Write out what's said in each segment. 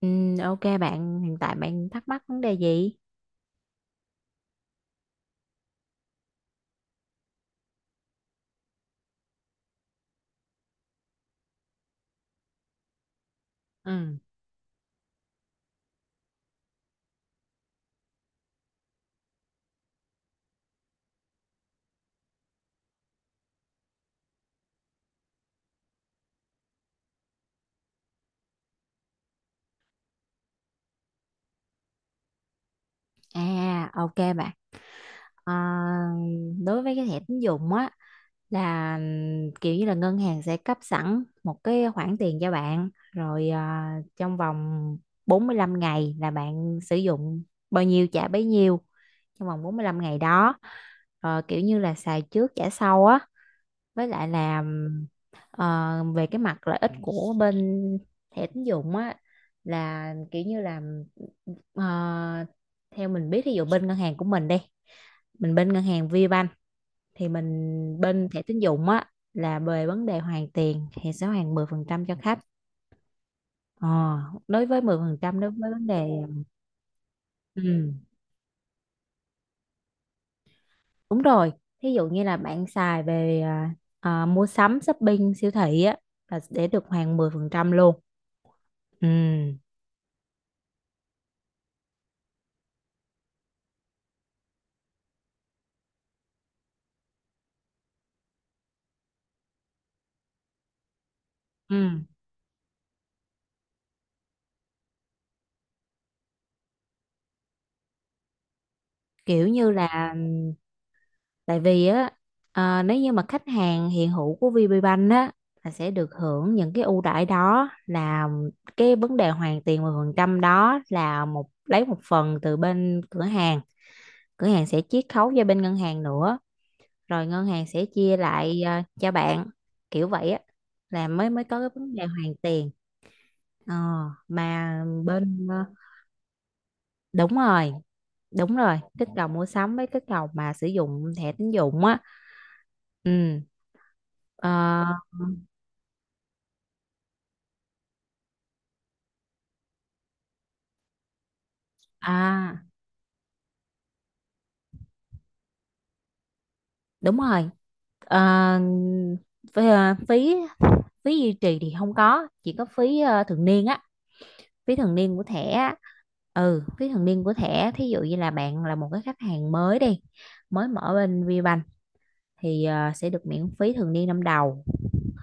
Ừ, ok bạn, hiện tại bạn thắc mắc vấn đề gì? Ừ. À, ok bạn. À, đối với cái thẻ tín dụng á là kiểu như là ngân hàng sẽ cấp sẵn một cái khoản tiền cho bạn rồi trong vòng 45 ngày là bạn sử dụng bao nhiêu trả bấy nhiêu trong vòng 45 ngày đó. Ờ, kiểu như là xài trước trả sau á với lại là. Ờ, về cái mặt lợi ích của bên thẻ tín dụng á là kiểu như là ờ, theo mình biết, ví dụ bên ngân hàng của mình đi, mình bên ngân hàng VBank, thì mình bên thẻ tín dụng á là về vấn đề hoàn tiền thì sẽ hoàn 10% cho khách. Ờ, đối với 10%, đối với vấn đề. Ừ, đúng rồi, thí dụ như là bạn xài về mua sắm shopping siêu thị á là để được hoàn 10% luôn. Ừ. Ừ. Kiểu như là, tại vì á, nếu như mà khách hàng hiện hữu của VPBank á là sẽ được hưởng những cái ưu đãi, đó là cái vấn đề hoàn tiền 10%, đó là lấy một phần từ bên cửa hàng, cửa hàng sẽ chiết khấu cho bên ngân hàng nữa, rồi ngân hàng sẽ chia lại cho bạn, kiểu vậy á là mới mới có cái vấn đề hoàn tiền. ờ, mà bên à, Đúng rồi, đúng rồi, kích cầu mua sắm với kích cầu mà sử dụng thẻ tín dụng á. Ừ. Ờ, À, Đúng rồi. Ờ, ờ, phí phí duy trì thì không có, chỉ có phí thường niên á, phí thường niên của thẻ á. Ừ, phí thường niên của thẻ, thí dụ như là bạn là một cái khách hàng mới đi, mới mở bên VBank, thì sẽ được miễn phí thường niên năm đầu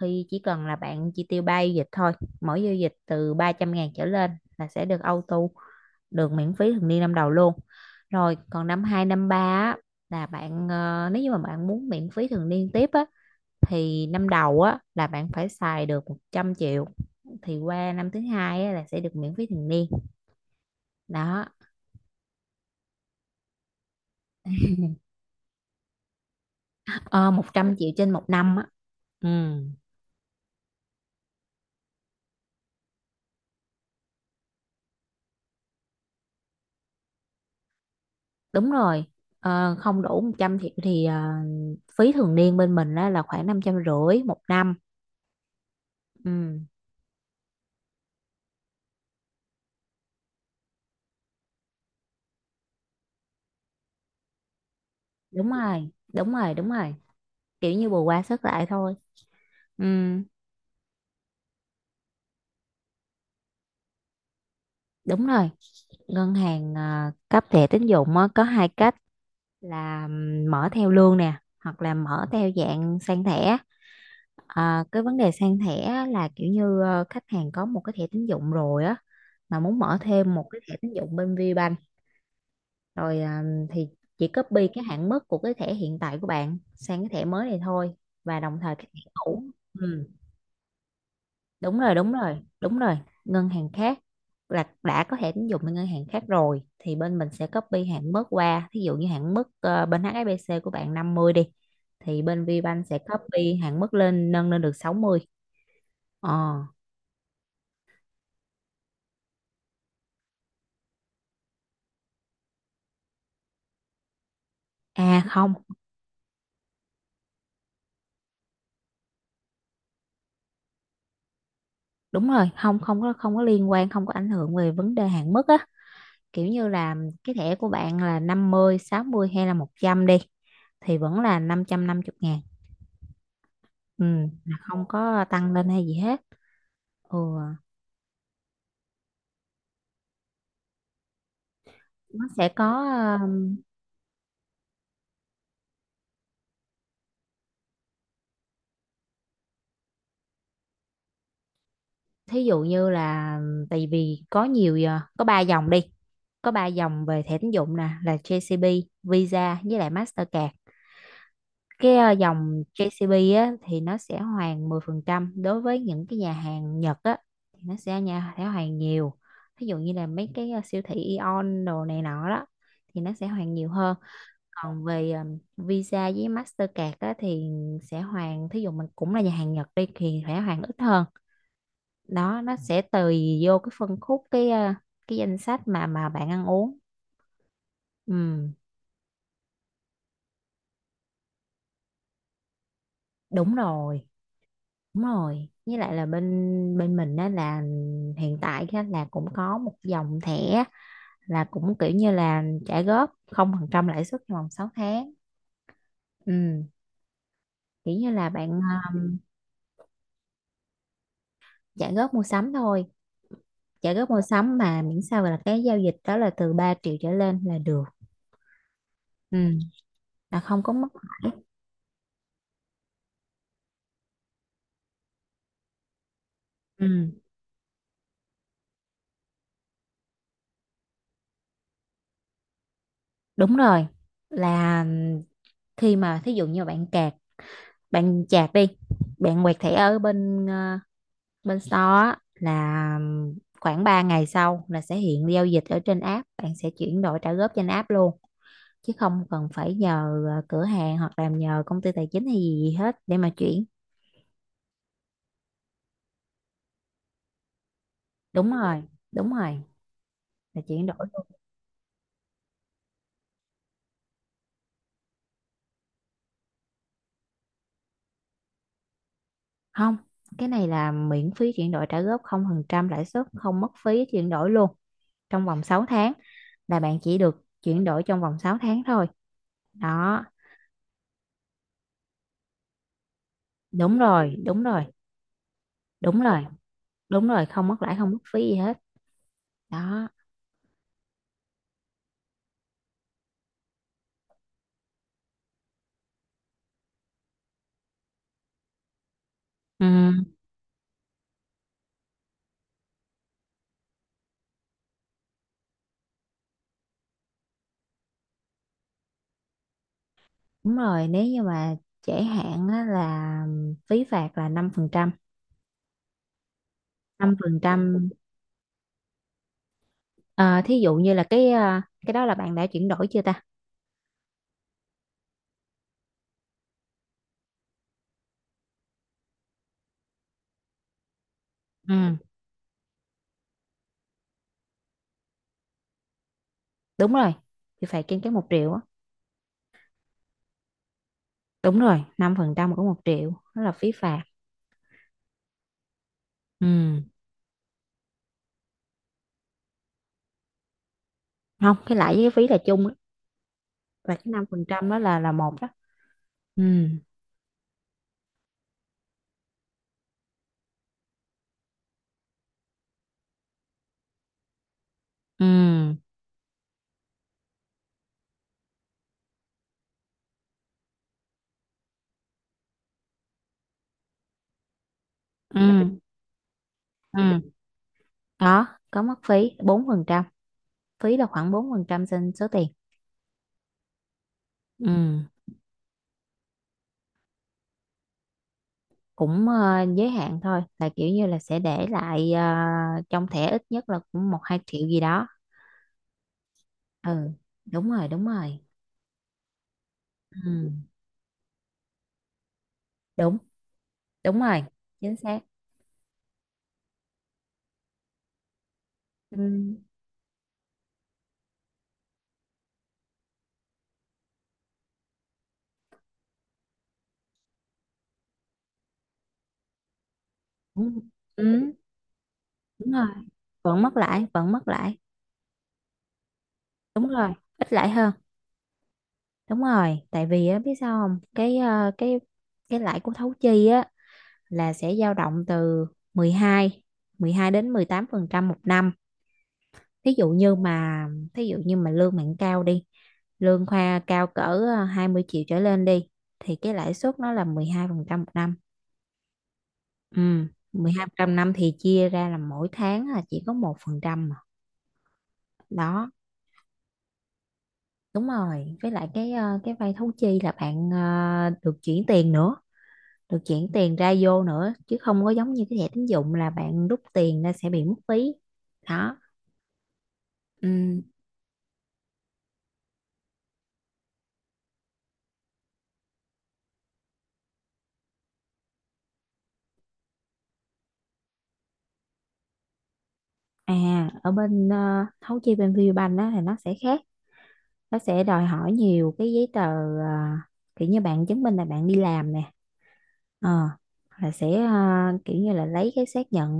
khi chỉ cần là bạn chi tiêu 3 giao dịch thôi, mỗi giao dịch từ 300.000 trở lên là sẽ được auto, được miễn phí thường niên năm đầu luôn. Rồi còn năm 2 năm 3 á, nếu như mà bạn muốn miễn phí thường niên tiếp á, thì năm đầu á là bạn phải xài được 100 triệu, thì qua năm thứ hai á là sẽ được miễn phí thường niên. Đó, ờ, 100 triệu trên một năm á. Ừ, đúng rồi. Không đủ 100 triệu thì phí thường niên bên mình á là khoảng 550 một năm. Ừ, đúng rồi, đúng rồi, đúng rồi, kiểu như bù qua sức lại thôi. Ừ. Đúng rồi, ngân hàng cấp thẻ tín dụng á có hai cách, là mở theo lương nè, hoặc là mở theo dạng sang thẻ. À, cái vấn đề sang thẻ á là kiểu như khách hàng có một cái thẻ tín dụng rồi á, mà muốn mở thêm một cái thẻ tín dụng bên VBank rồi, thì chỉ copy cái hạn mức của cái thẻ hiện tại của bạn sang cái thẻ mới này thôi, và đồng thời cái thẻ cũ. Ừ. Đúng rồi, đúng rồi, đúng rồi, ngân hàng khác, là đã có thẻ tín dụng bên ngân hàng khác rồi thì bên mình sẽ copy hạn mức qua, thí dụ như hạn mức bên HSBC của bạn 50 đi, thì bên VBank sẽ copy hạn mức nâng lên được 60. ờ Không, đúng rồi, không, không có, không có liên quan, không có ảnh hưởng về vấn đề hạn mức á, kiểu như là cái thẻ của bạn là 50, 60 hay là 100 đi thì vẫn là 550 ngàn. Ừ, là không có tăng lên hay gì hết. Ừ. Nó sẽ có. ờ, Thí dụ như là, tại vì có nhiều có ba dòng đi, có ba dòng về thẻ tín dụng nè, là JCB, Visa với lại Mastercard. Cái dòng JCB á thì nó sẽ hoàn 10% đối với những cái nhà hàng Nhật á, thì nó sẽ nhà sẽ hoàn nhiều, ví dụ như là mấy cái siêu thị Aeon đồ này nọ đó thì nó sẽ hoàn nhiều hơn. Còn về Visa với Mastercard á, thì sẽ hoàn, thí dụ mình cũng là nhà hàng Nhật đi thì sẽ hoàn ít hơn. Đó, nó sẽ tùy vô cái phân khúc, cái cái danh sách mà bạn ăn uống. Ừ, đúng rồi, đúng rồi, với lại là bên bên mình á là hiện tại á là cũng có một dòng thẻ, là cũng kiểu như là trả góp không phần trăm lãi suất trong vòng 6 tháng. Ừ, kiểu như là bạn trả góp mua sắm thôi, trả góp mua sắm mà miễn sao là cái giao dịch đó là từ 3 triệu trở lên là được. Ừ, là không có mất lãi. Ừ, đúng rồi, là khi mà, thí dụ như bạn chạc đi, bạn quẹt thẻ ở bên store, là khoảng 3 ngày sau là sẽ hiện giao dịch ở trên app, bạn sẽ chuyển đổi trả góp trên app luôn, chứ không cần phải nhờ cửa hàng, hoặc làm nhờ công ty tài chính hay gì hết để mà chuyển. Đúng rồi, đúng rồi, là chuyển đổi luôn. Không, cái này là miễn phí chuyển đổi trả góp không phần trăm lãi suất, không mất phí chuyển đổi luôn, trong vòng 6 tháng. Là bạn chỉ được chuyển đổi trong vòng 6 tháng thôi. Đó, đúng rồi, đúng rồi, đúng rồi, đúng rồi, không mất lãi, không mất phí gì hết. Đó. Ừ, đúng rồi, nếu như mà trễ hạn á, là phí phạt là 5%. Thí dụ như là cái, cái đó là bạn đã chuyển đổi chưa ta. Ừ, đúng rồi, thì phạt trên cái một triệu á. Đúng rồi, 5% của một triệu đó là phí phạt. Ừ. Không, cái lãi với cái phí là chung á, và cái 5% đó là một đó. Ừ, ừ, ừ, ừ. Đó, có mất phí 4%, phí là khoảng 4% trên số tiền. Ừ, cũng giới hạn thôi, là kiểu như là sẽ để lại trong thẻ ít nhất là cũng một hai triệu gì đó. Ừ, đúng rồi, đúng rồi. Ừ, đúng đúng rồi, chính xác. Ừ, đúng, ừ, đúng rồi, vẫn mất lãi, vẫn mất lãi. Đúng rồi, ít lãi hơn. Đúng rồi, tại vì á, biết sao không, cái cái lãi của thấu chi á là sẽ dao động từ mười hai 12 đến 18% một năm. Thí dụ như mà, lương bạn cao đi, lương khoa cao cỡ 20 triệu trở lên đi, thì cái lãi suất nó là 12% một năm. Ừ, 12% năm thì chia ra là mỗi tháng là chỉ có 1% mà. Đó, đúng rồi, với lại cái cái vay thấu chi là bạn được chuyển tiền nữa, được chuyển tiền ra vô nữa, chứ không có giống như cái thẻ tín dụng là bạn rút tiền ra sẽ bị mất phí. Đó. Ừ. Ở thấu chi bên VPBank á thì nó sẽ khác, nó sẽ đòi hỏi nhiều cái giấy tờ. à, Kiểu như bạn chứng minh là bạn đi làm nè, ờ là sẽ, kiểu như là lấy cái xác nhận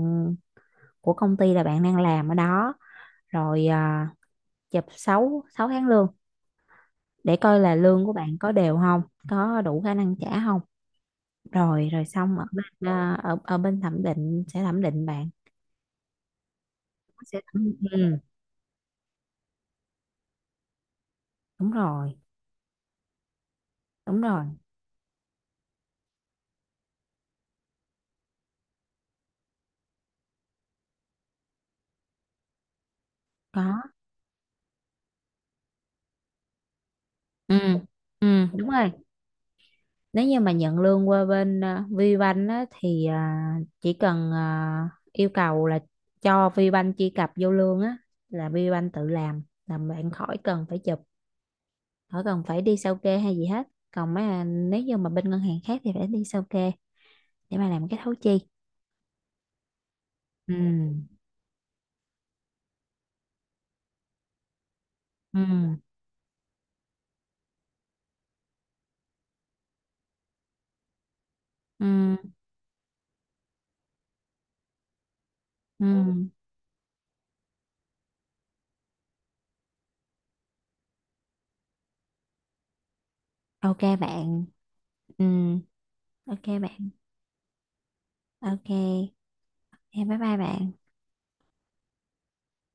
của công ty là bạn đang làm ở đó rồi, chụp 6 sáu tháng lương để coi là lương của bạn có đều không, có đủ khả năng trả không. Rồi rồi xong ở bên, ở bên thẩm định sẽ thẩm định bạn. Ừ, đúng rồi, đúng rồi, có. Ừ, ừ, đúng rồi, nếu như mà nhận lương qua bên VBank á, thì chỉ cần yêu cầu là cho VBank truy cập vô lương á, là VBank tự làm, là bạn khỏi cần phải chụp, khỏi cần phải đi sao kê hay gì hết. Còn mấy, nếu như mà bên ngân hàng khác thì phải đi sao kê để mà làm cái thấu chi. Ừ, ừ, ừ, ừ, ok bạn. Ừ, ok bạn. Ok, em bye bye bạn.